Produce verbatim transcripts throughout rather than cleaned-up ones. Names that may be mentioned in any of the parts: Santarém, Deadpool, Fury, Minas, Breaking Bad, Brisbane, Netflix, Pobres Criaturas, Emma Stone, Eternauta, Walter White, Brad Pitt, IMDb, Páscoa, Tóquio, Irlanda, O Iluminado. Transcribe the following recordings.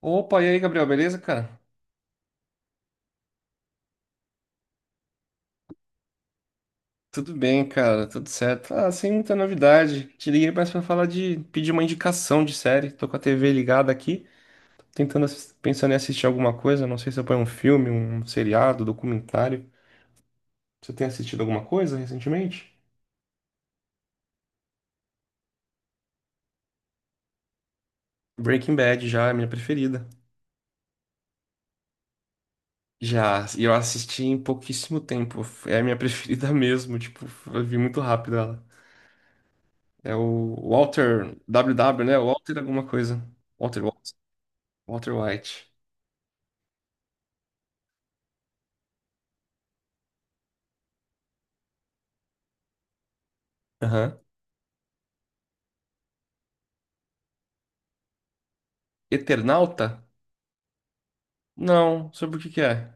Opa, e aí, Gabriel, beleza, cara? Tudo bem, cara, tudo certo. Ah, sem muita novidade. Te liguei mais pra falar de pedir uma indicação de série. Tô com a T V ligada aqui, tentando assis- pensando em assistir alguma coisa. Não sei se eu ponho um filme, um seriado, documentário. Você tem assistido alguma coisa recentemente? Breaking Bad já é a minha preferida. Já, e eu assisti em pouquíssimo tempo. É a minha preferida mesmo, tipo, eu vi muito rápido ela. É o Walter W, W, né? Walter alguma coisa. Walter White. Walter White. Eternauta? Não, sobre o que que é?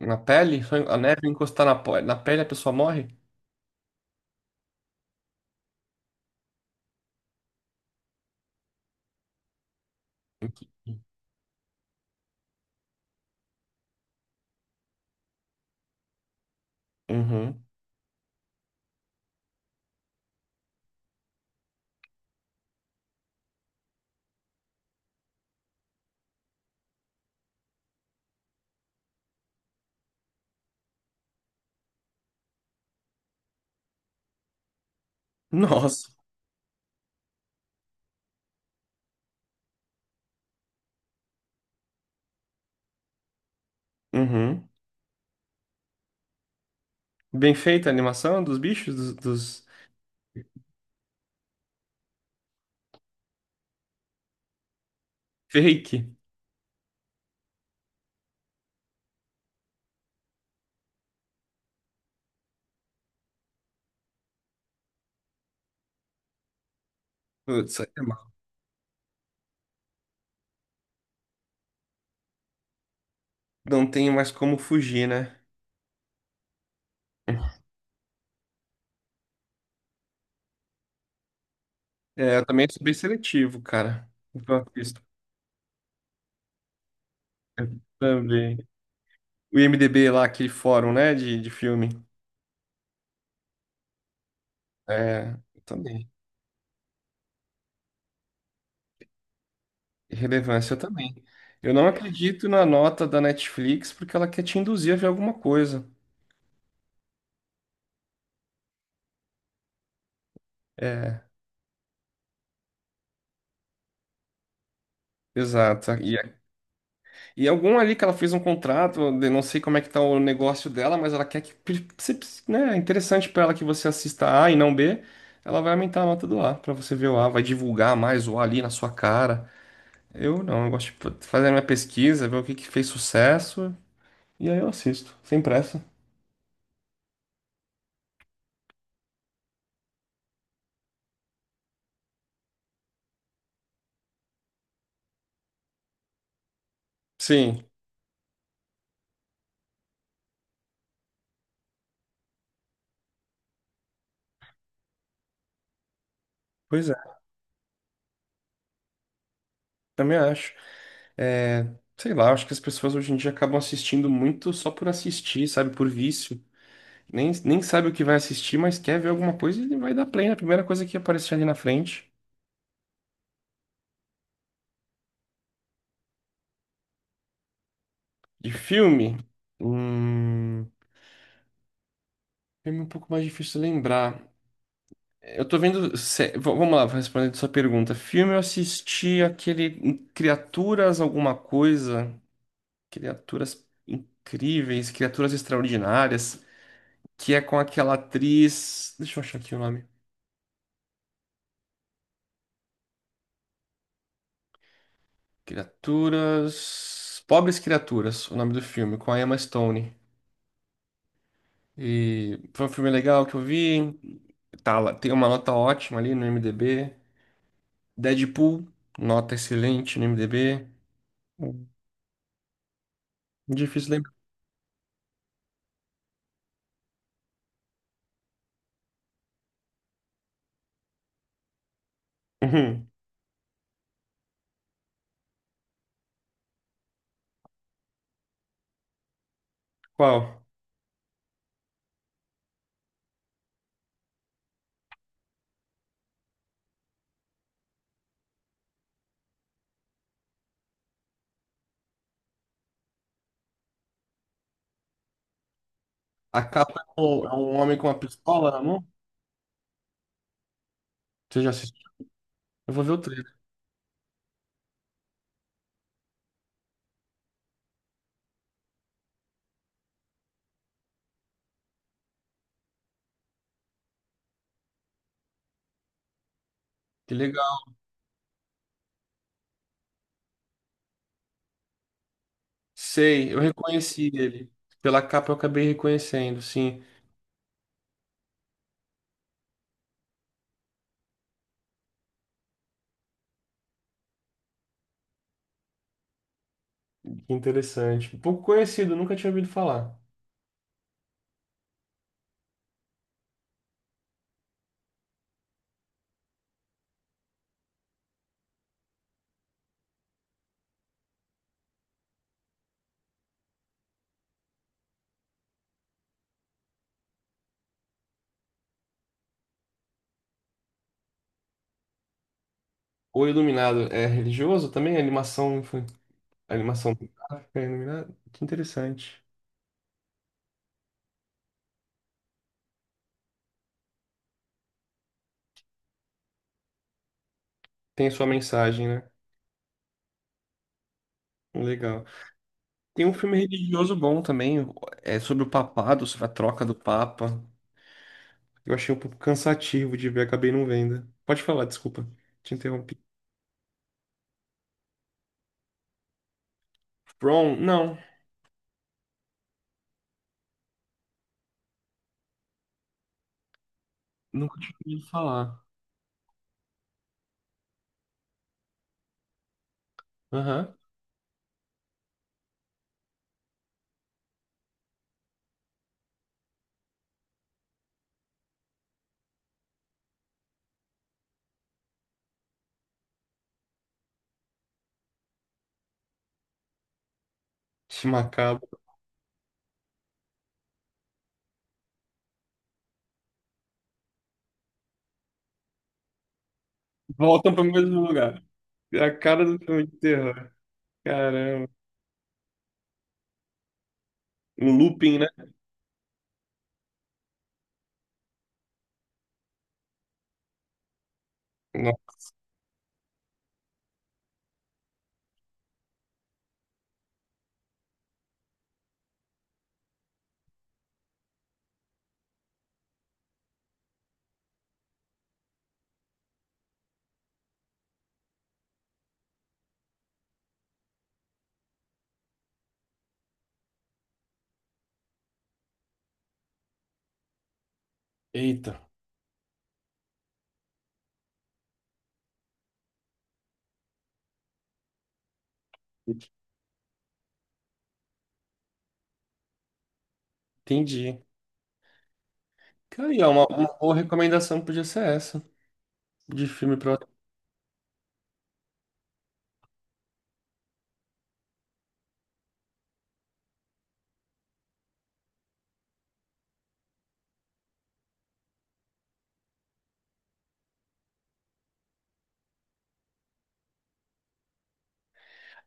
Na pele? Só a neve encostar na, po- na pele a pessoa morre? Uhum. Nossa. Uhum. Bem feita a animação dos bichos, dos, dos fake. Putz, aí é mal. Não tem mais como fugir, né? É, eu também sou bem seletivo, cara. No que eu assisto. Eu também. O IMDb lá, aquele fórum, né, de, de filme. É, eu também. Relevância eu também. Eu não acredito na nota da Netflix porque ela quer te induzir a ver alguma coisa. É, exato. E, e algum ali que ela fez um contrato, de- não sei como é que tá o negócio dela, mas ela quer que, pri- se- se- né, é interessante para ela que você assista A e não B, ela vai aumentar a nota do A para você ver o A, vai divulgar mais o A ali na sua cara. Eu não, eu gosto de fa- fazer a minha pesquisa, ver o que que fez sucesso, e aí eu assisto, sem pressa. Sim, pois é, também acho. É, sei lá, acho que as pessoas hoje em dia acabam assistindo muito só por assistir, sabe? Por vício. Nem, nem sabe o que vai assistir, mas quer ver alguma coisa e vai dar play na primeira coisa que aparecer ali na frente. De filme? Hum, Filme um pouco mais difícil de lembrar. Eu tô vendo. Sé- v- Vamos lá, respondendo sua pergunta. Filme eu assisti aquele hum, Criaturas alguma coisa. Criaturas incríveis, criaturas extraordinárias. Que é com aquela atriz. Deixa eu achar aqui o nome. Criaturas. Pobres Criaturas, o nome do filme, com a Emma Stone. E foi um filme legal que eu vi. Tá, lá- tem uma nota ótima ali no IMDb. Deadpool, nota excelente no IMDb. Hum, Difícil lembrar. Uhum. Qual? A capa é um, é um homem com uma pistola na mão? Você já assistiu? Eu vou ver o trailer. Que legal. Sei, eu reconheci ele. Pela capa eu acabei reconhecendo, sim. Que interessante. Pouco conhecido, nunca tinha ouvido falar. O Iluminado é religioso também? A Animação, infa- a animação gráfica é iluminado? Que interessante. Tem a sua mensagem, né? Legal. Tem um filme religioso bom também, é sobre o papado, sobre a troca do papa. Eu achei um pouco cansativo de ver, acabei não vendo. Pode falar, desculpa. Te interrompi. From? Não, nunca tinha ouvido falar. Aham. Que macabro. Voltam para o mesmo lugar. É a cara do filme de terror. Caramba. Um looping, né? Não. Eita. Entendi. Cara, e é uma, uma boa recomendação que podia ser essa, de filme pra...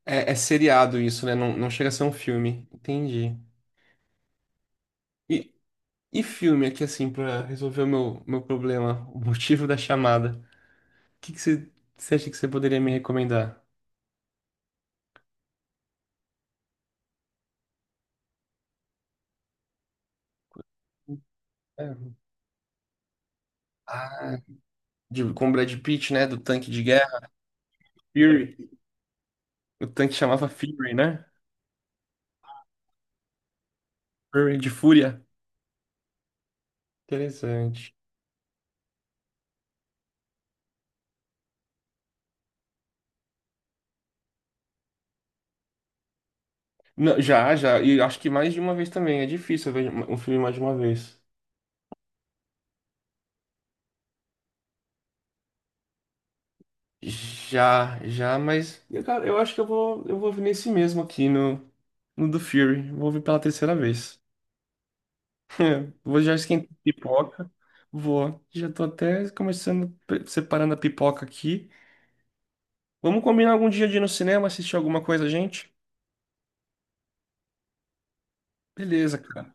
É, é seriado isso, né? Não, não chega a ser um filme. Entendi. E, e filme aqui, assim, pra resolver o meu, meu problema, o motivo da chamada. O que que você, você acha que você poderia me recomendar? É. Ah, de, com o Brad Pitt, né? Do tanque de guerra. Fury. O tanque chamava Fury, né? Fury de fúria. Interessante. Não, já, já. E acho que mais de uma vez também. É difícil eu ver um filme mais de uma vez. Já, já, mas, cara, eu acho que eu vou, eu vou ouvir nesse mesmo aqui no, no do Fury. Vou ouvir pela terceira vez. Vou já esquentar a pipoca. Vou. Já tô até começando, pre- separando a pipoca aqui. Vamos combinar algum dia de ir no cinema, assistir alguma coisa, gente? Beleza, cara.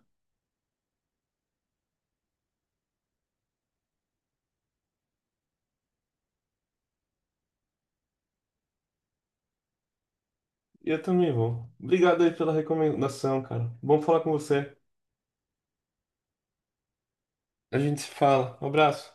Eu também vou. Obrigado aí pela recomendação, cara. Bom falar com você. A gente se fala. Um abraço.